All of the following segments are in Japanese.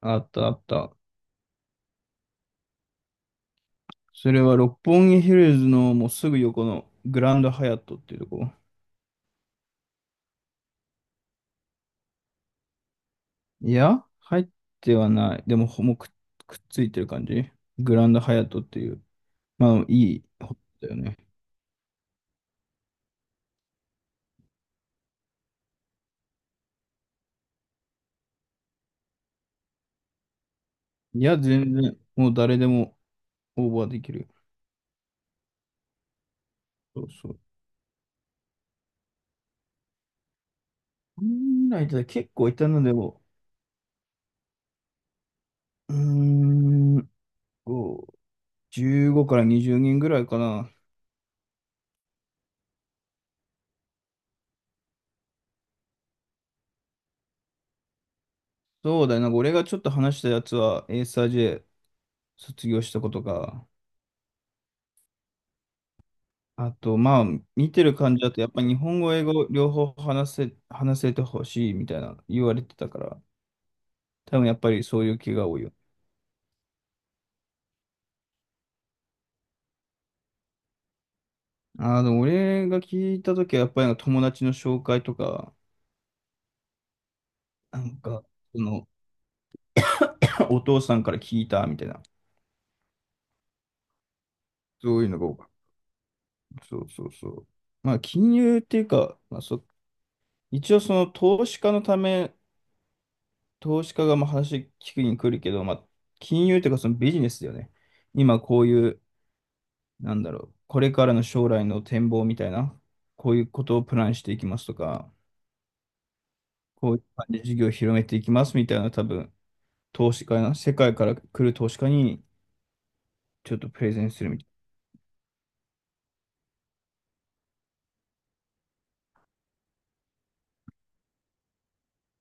あったあった。それは六本木ヒルズのもうすぐ横のグランドハヤットっていうとこ。いや、入ってはない。でも、ほもうく、くっついてる感じ。グランドハヤットっていう。まあ、いいホテルだよね。いや、全然、もう誰でもオーバーできる。そうそう。こんなんいたら結構いたのでも、うーん、こう15から20人ぐらいかな。そうだよな。俺がちょっと話したやつは、エーサー J 卒業したことか。あと、まあ、見てる感じだと、やっぱ日本語、英語、両方話せ、話せてほしいみたいな言われてたから、多分やっぱりそういう気が多いよ。ああ、でも俺が聞いたときは、やっぱりなんか友達の紹介とか、なんか、その、お父さんから聞いたみたいな、そういうのが多かった。そうそうそう。まあ、金融っていうか、一応その投資家のため、投資家がまあ話聞くに来るけど、まあ、金融っていうかそのビジネスだよね。今こういう、なんだろう、これからの将来の展望みたいな、こういうことをプランしていきますとか、こういう感じで事業を広めていきますみたいな、多分、投資家な、世界から来る投資家にちょっとプレゼンするみたい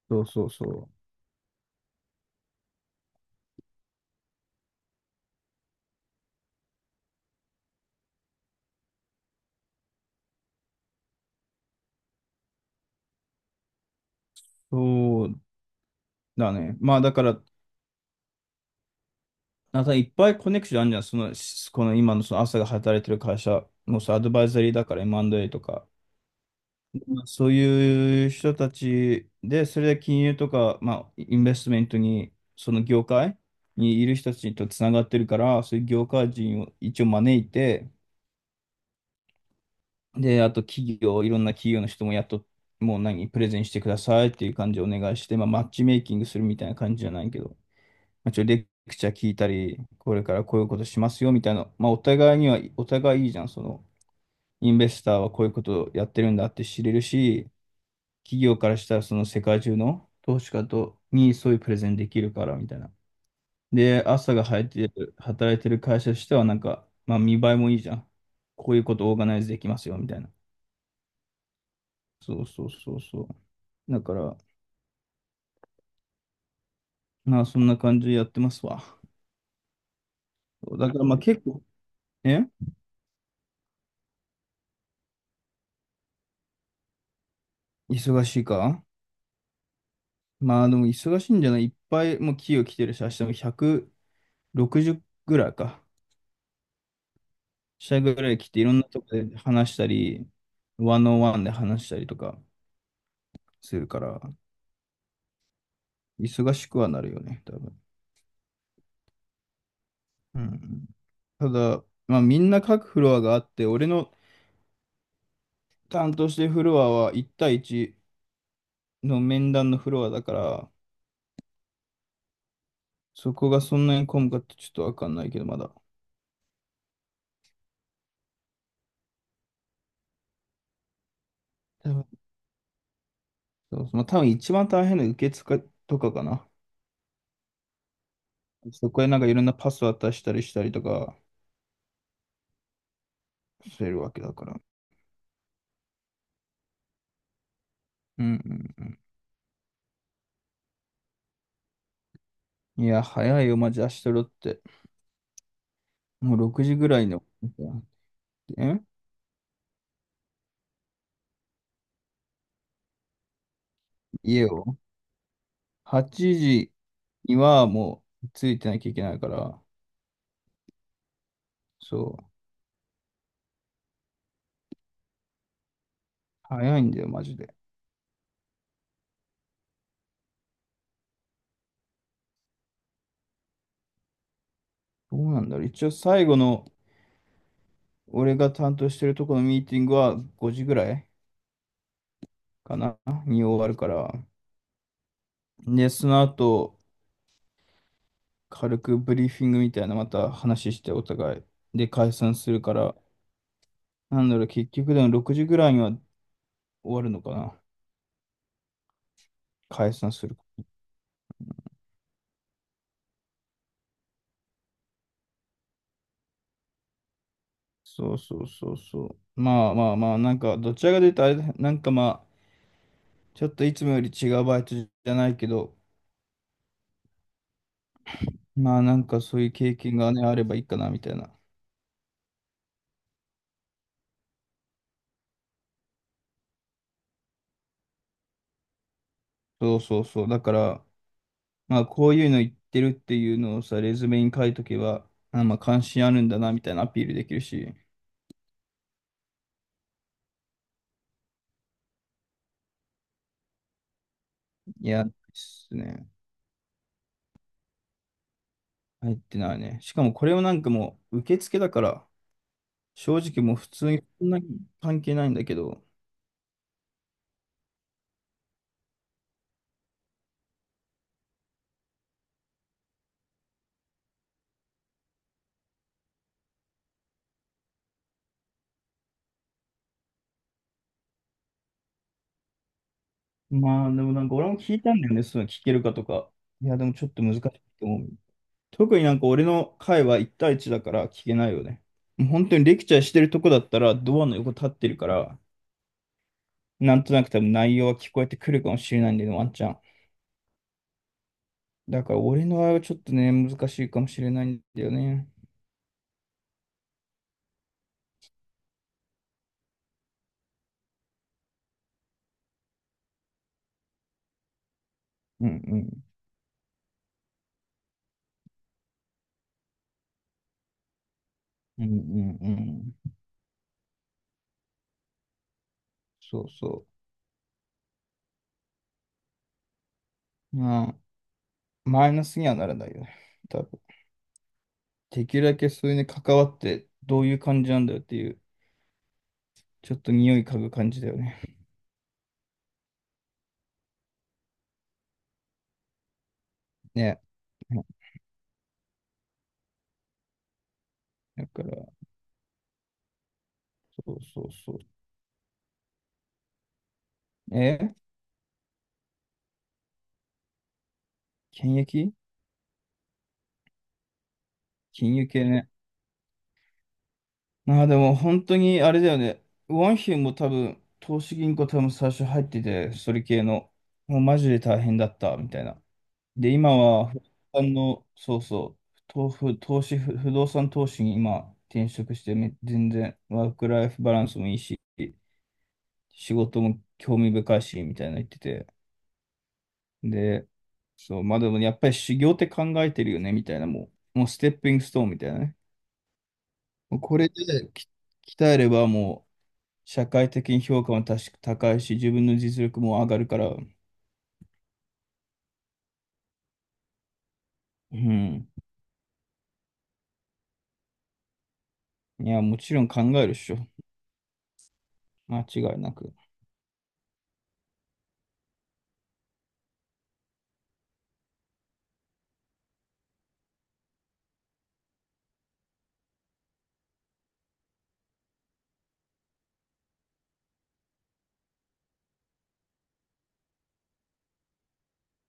な。そうそうそう。そうだね。まあだから、なんかいっぱいコネクションあるじゃん。その、この今のその朝が働いてる会社もさ、アドバイザリーだから M&A とか、まあそういう人たちで、それで金融とか、まあ、インベストメントに、その業界にいる人たちとつながってるから、そういう業界人を一応招いて、で、あと企業、いろんな企業の人もやっと、もう何、プレゼンしてくださいっていう感じでお願いして、まあ、マッチメイキングするみたいな感じじゃないけど、まあ、レクチャー聞いたり、これからこういうことしますよみたいな、まあ、お互いいいじゃん、その、インベスターはこういうことをやってるんだって知れるし、企業からしたらその世界中の投資家とにそういうプレゼンできるからみたいな。で、朝が入ってる、働いてる会社としてはなんか、まあ見栄えもいいじゃん。こういうことオーガナイズできますよみたいな。そうそうそうそう。だから、まあそんな感じでやってますわ。そうだからまあ結構、え忙しいかまあでも忙しいんじゃないいっぱいもう企業来てるし、明日も160ぐらいか。社ぐらい来ていろんなとこで話したり、ワンオンワンで話したりとかするから。忙しくはなるよね、多分。うん。ただ、まあ、みんな各フロアがあって、俺の担当してるフロアは1対1の面談のフロアだから、そこがそんなに混むかってちょっとわかんないけど、まだ。多分、そうまあ、多分一番大変な受付とかかな。そこへなんかいろんなパス渡したりしたりとかするわけだから。うんうんうん。いや、早いよ、マジ明日ロって。もう6時ぐらいの。え家を ?8 時にはもうついてなきゃいけないから、そう、早いんだよ、マジで。どうなんだろう。一応最後の、俺が担当してるとこのミーティングは5時ぐらいかなに終わるから。で、その後、軽くブリーフィングみたいなまた話してお互い。で、解散するから、なんだろう、結局でも6時ぐらいには終わるのかな。解散する。そうそうそうそう。まあ、なんか、どちらかというとあれだ、なんかまあ、ちょっといつもより違うバイトじゃないけど、まあなんかそういう経験がね、あればいいかなみたいな。そうそうそう。だから、まあこういうの言ってるっていうのをさ、レズメに書いとけば、あ、まあ関心あるんだなみたいなアピールできるし、いや、ですね。入ってないね。しかもこれをなんかもう受付だから、正直もう普通にそんなに関係ないんだけど、まあでもなんか俺も聞いたんだよね、そういうの聞けるかとか。いや、でもちょっと難しいと思う。特になんか俺の会は1対1だから聞けないよね。もう本当にレクチャーしてるとこだったらドアの横立ってるから、なんとなく多分内容は聞こえてくるかもしれないんだよね、ワンチャン。だから俺の場合はちょっとね、難しいかもしれないんだよね。うんうん。うんうんうん。そうそう。まあ、マイナスにはならないよね。多分。できるだけそういうね、関わってどういう感じなんだよっていう、ちょっと匂い嗅ぐ感じだよね。ね。だから、そうそうそう。え検疫金融系ね。まあでも本当にあれだよね。ワンヒュも多分、投資銀行多分最初入ってて、それ系の、もうマジで大変だった、みたいな。で、今は、不動産の、そうそう、投不投資、不不動産投資に今転職して全然ワークライフバランスもいいし、仕事も興味深いし、みたいな言ってて。で、そう、まあでもやっぱり修行って考えてるよね、みたいな、もうステッピングストーンみたいなね。もうこれでき鍛えればもう、社会的に評価も確か高いし、自分の実力も上がるから、うん。いや、もちろん考えるっしょ。間違いなく。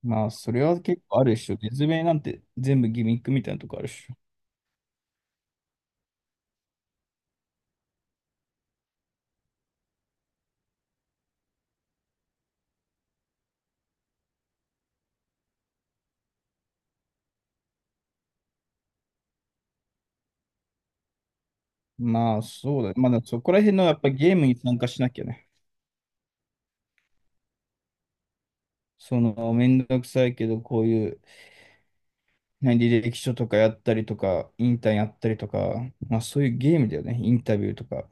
まあ、それは結構あるっしょ。説明なんて全部ギミックみたいなとこあるっしょ。まあ、そうだね。まだそこら辺のやっぱゲームに参加しなきゃね。その、めんどくさいけど、こういう、何履歴書とかやったりとか、インターンやったりとか、まあそういうゲームだよね。インタビューとか。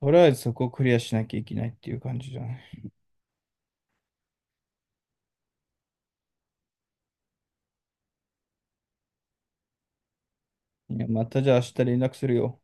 とりあえずそこをクリアしなきゃいけないっていう感じじゃない。いや、またじゃあ明日連絡するよ。